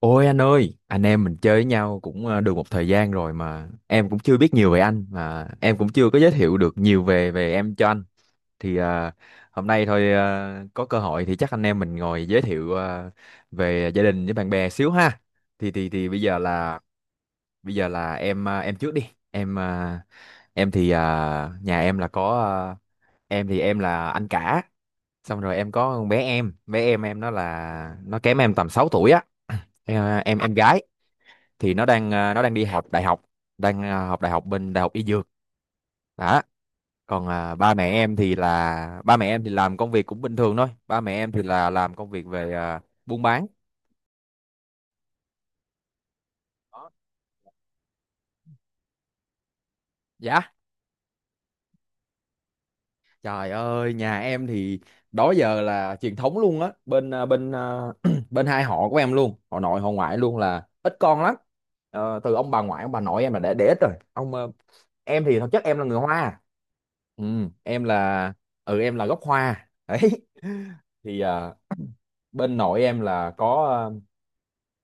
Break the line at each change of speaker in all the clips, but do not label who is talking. Ôi anh ơi, anh em mình chơi với nhau cũng được một thời gian rồi mà em cũng chưa biết nhiều về anh mà em cũng chưa có giới thiệu được nhiều về về em cho anh. Thì, hôm nay thôi, có cơ hội thì chắc anh em mình ngồi giới thiệu về gia đình với bạn bè xíu ha. Thì bây giờ là em, em trước đi. Em, em thì, nhà em là có, em thì em là anh cả. Xong rồi em có con bé em, bé em nó kém em tầm 6 tuổi á. Em, em gái thì nó đang, nó đang đi học đại học, đang, học đại học bên đại học y dược đó. Còn, ba mẹ em thì là ba mẹ em thì làm công việc cũng bình thường thôi, ba mẹ em thì là làm công việc về, buôn bán. Dạ. Trời ơi, nhà em thì đó giờ là truyền thống luôn á, bên, bên hai họ của em luôn, họ nội họ ngoại luôn là ít con lắm. Ờ, từ ông bà ngoại ông bà nội em là để ít rồi. Em thì thực chất em là người Hoa. Ừ, em là, ừ em là gốc Hoa. Đấy. Thì, bên nội em là có, à,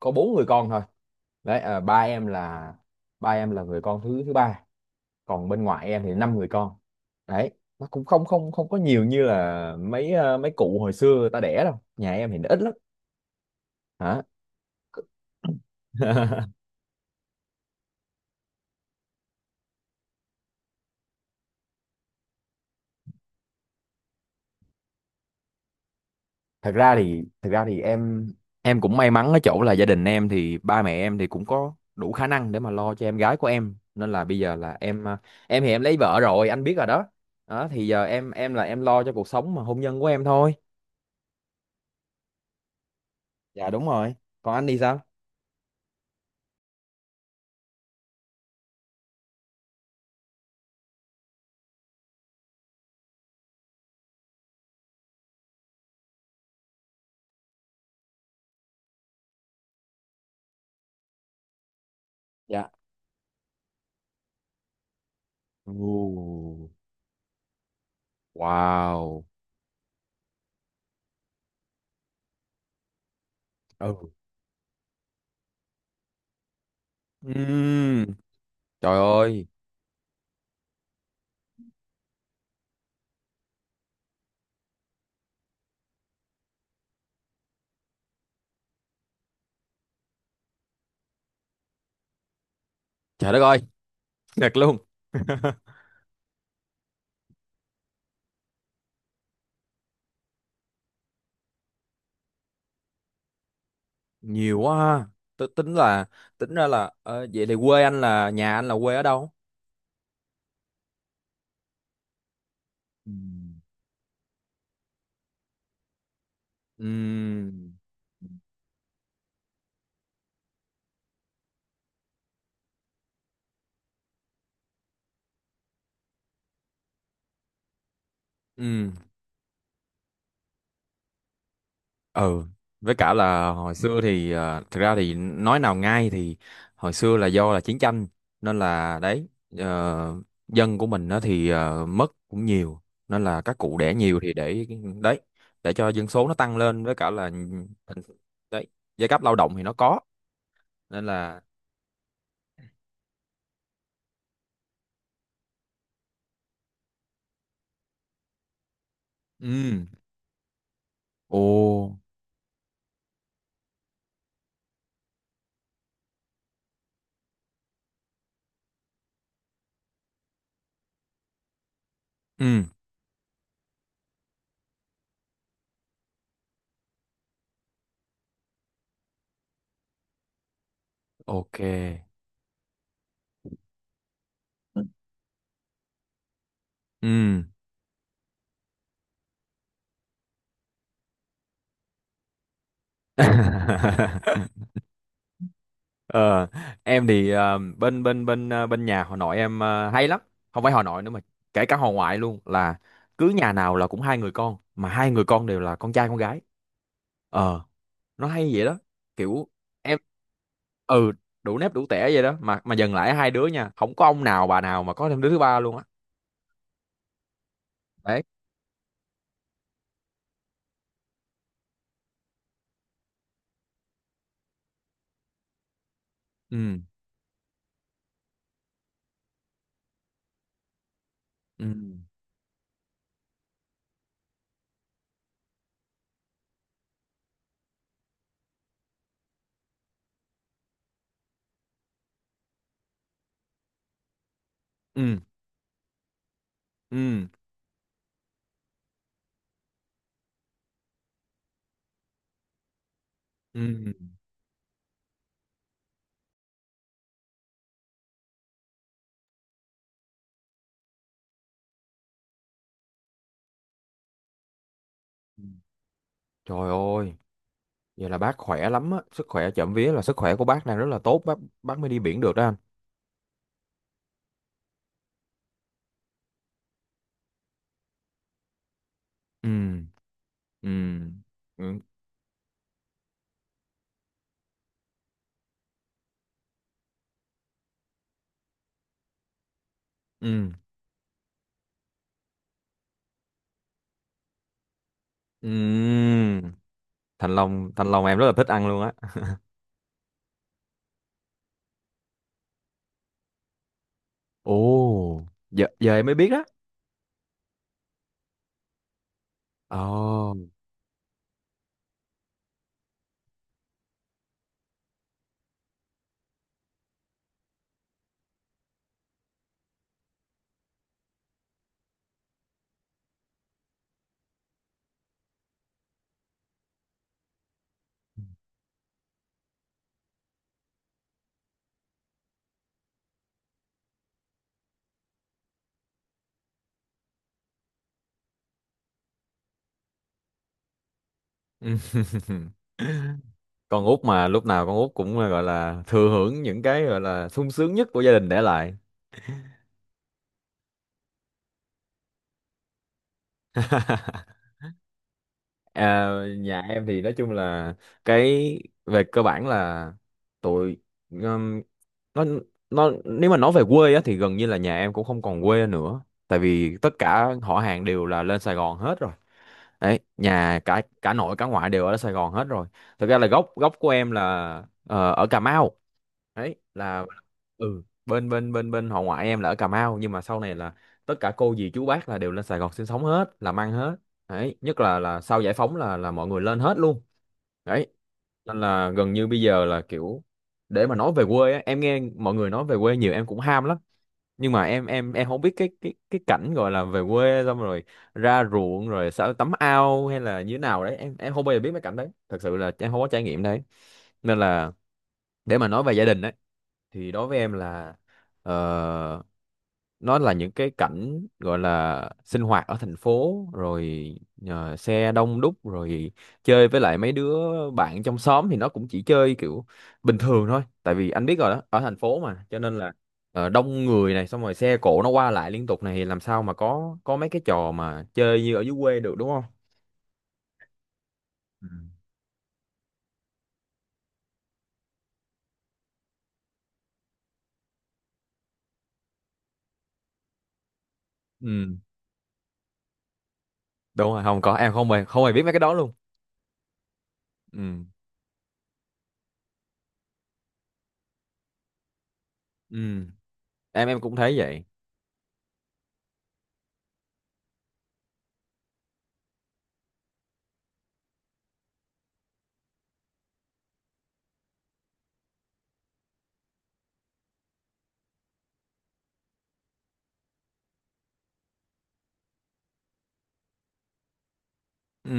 có bốn người con thôi. Đấy, ba em là người con thứ thứ ba, còn bên ngoại em thì năm người con. Đấy, nó cũng không không không có nhiều như là mấy, mấy cụ hồi xưa người ta đẻ đâu, nhà em thì nó ít lắm, hả? Thật ra thì em cũng may mắn ở chỗ là gia đình em thì ba mẹ em thì cũng có đủ khả năng để mà lo cho em gái của em, nên là bây giờ là em, em thì em lấy vợ rồi anh biết rồi đó. Đó thì giờ em là em lo cho cuộc sống mà hôn nhân của em thôi. Dạ đúng rồi. Còn anh thì sao? Dạ. Ồ, wow. Ừ. Ừm, trời ơi, trời đất ơi, thiệt luôn, nhiều quá ha. Tôi tính là, tính ra là, vậy thì quê anh là nhà anh là quê ở đâu? Ừm, ừm, ừm, ừ, với cả là hồi xưa thì, thực ra thì nói nào ngay thì hồi xưa là do là chiến tranh nên là đấy, ờ, dân của mình đó thì, mất cũng nhiều nên là các cụ đẻ nhiều thì để, đấy, để cho dân số nó tăng lên với cả là, đấy, giai cấp lao động thì nó có, nên là ừ, ồ, ừ, ok, ừ. Ờ, em thì, bên bên bên ờ, bên nhà họ nội em, hay lắm, không phải họ nội nữa mà kể cả họ ngoại luôn là cứ nhà nào là cũng hai người con mà hai người con đều là con trai con gái. Ờ, nó hay vậy đó, kiểu em, ừ, đủ nếp đủ tẻ vậy đó, mà dần lại hai đứa nha, không có ông nào bà nào mà có thêm đứa thứ ba luôn á. Đấy. Ừ, ừ, ừ, ừ, ừ, ừ. Trời ơi, vậy là bác khỏe lắm á, sức khỏe trộm vía là sức khỏe của bác đang rất là tốt, bác mới đi biển được đó anh. Ừm, ừm, ừm, ừm, ừm. Thanh Long, Thanh Long em rất là thích ăn luôn á. Ồ, giờ giờ em mới biết á. Ồ. Ừ. Con út mà lúc nào con út cũng gọi là thừa hưởng những cái gọi là sung sướng nhất của gia đình để lại. À, nhà em thì nói chung là cái, về cơ bản là tụi, um, nó nó nếu mà nói về quê á thì gần như là nhà em cũng không còn quê nữa. Tại vì tất cả họ hàng đều là lên Sài Gòn hết rồi. Đấy, nhà cả cả nội cả ngoại đều ở Sài Gòn hết rồi. Thực ra là gốc gốc của em là, ở Cà Mau. Đấy là, ừ, bên bên bên bên họ ngoại em là ở Cà Mau nhưng mà sau này là tất cả cô dì chú bác là đều lên Sài Gòn sinh sống hết, làm ăn hết. Đấy, nhất là sau giải phóng là mọi người lên hết luôn. Đấy, nên là gần như bây giờ là kiểu để mà nói về quê á, em nghe mọi người nói về quê nhiều em cũng ham lắm, nhưng mà em, em không biết cái, cái cảnh gọi là về quê xong rồi ra ruộng rồi sao tắm ao hay là như thế nào đấy, em không bao giờ biết mấy cảnh đấy, thật sự là em không có trải nghiệm đấy, nên là để mà nói về gia đình đấy thì đối với em là, ờ, nó là những cái cảnh gọi là sinh hoạt ở thành phố rồi, xe đông đúc rồi chơi với lại mấy đứa bạn trong xóm thì nó cũng chỉ chơi kiểu bình thường thôi, tại vì anh biết rồi đó, ở thành phố mà cho nên là, đông người này xong rồi xe cộ nó qua lại liên tục này thì làm sao mà có mấy cái trò mà chơi như ở dưới quê được đúng không? Ừ. Ừ, đúng rồi, không có, em không hề biết mấy cái đó luôn. Ừ, ừ, em cũng thấy vậy. Ừ,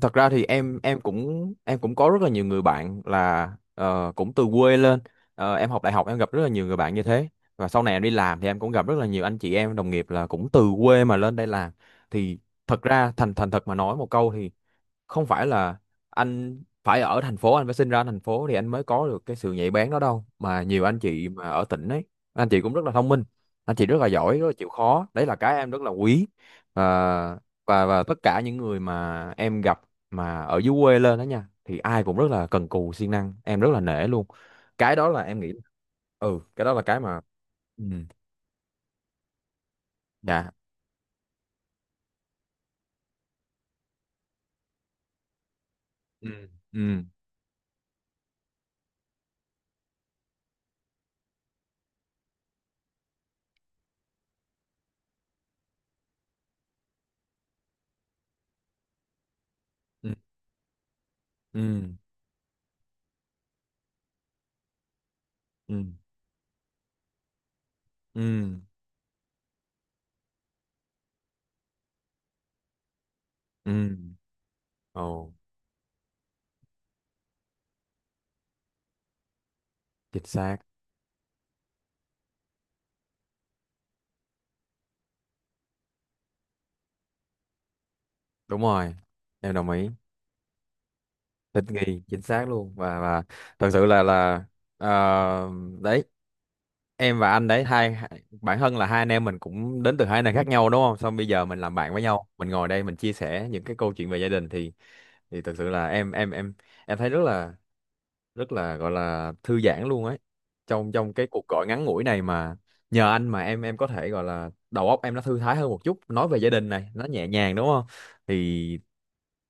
thật ra thì em cũng có rất là nhiều người bạn là, cũng từ quê lên. Ờ, em học đại học em gặp rất là nhiều người bạn như thế, và sau này em đi làm thì em cũng gặp rất là nhiều anh chị em đồng nghiệp là cũng từ quê mà lên đây làm. Thì thật ra thành thành thật mà nói một câu, không phải là anh phải ở thành phố, anh phải sinh ra thành phố thì anh mới có được cái sự nhạy bén đó đâu, mà nhiều anh chị mà ở tỉnh ấy anh chị cũng rất là thông minh, anh chị rất là giỏi, rất là chịu khó, đấy là cái em rất là quý. Và và và tất cả những người mà em gặp mà ở dưới quê lên đó nha thì ai cũng rất là cần cù siêng năng, em rất là nể luôn. Cái đó là em nghĩ, ừ, cái đó là cái mà, ừ, dạ, ừ, ừ, ừ, ừ, ừ, ừ, ừ, ồ, chính xác. Đúng rồi, em đồng ý. Thích nghi chính xác luôn. Và thật sự là, ờ, đấy, em và anh đấy, hai hai- bản thân là hai anh em mình cũng đến từ hai nơi khác nhau đúng không, xong bây giờ mình làm bạn với nhau mình ngồi đây mình chia sẻ những cái câu chuyện về gia đình, thì thật sự là em thấy rất là, gọi là thư giãn luôn ấy, trong trong cái cuộc gọi ngắn ngủi này mà nhờ anh mà em có thể gọi là đầu óc em nó thư thái hơn một chút, nói về gia đình này nó nhẹ nhàng đúng không? Thì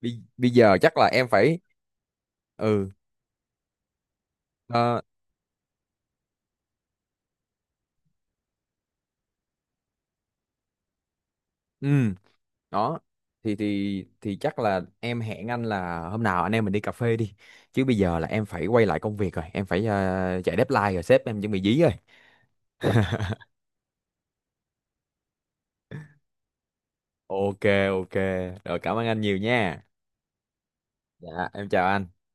bây giờ chắc là em phải, ừ, ờ, ừ đó, thì chắc là em hẹn anh là hôm nào anh em mình đi cà phê đi, chứ bây giờ là em phải quay lại công việc rồi, em phải, chạy deadline rồi, sếp em chuẩn bị dí rồi. Ok. Ok. Rồi cảm ơn anh nhiều nha. Dạ em chào anh.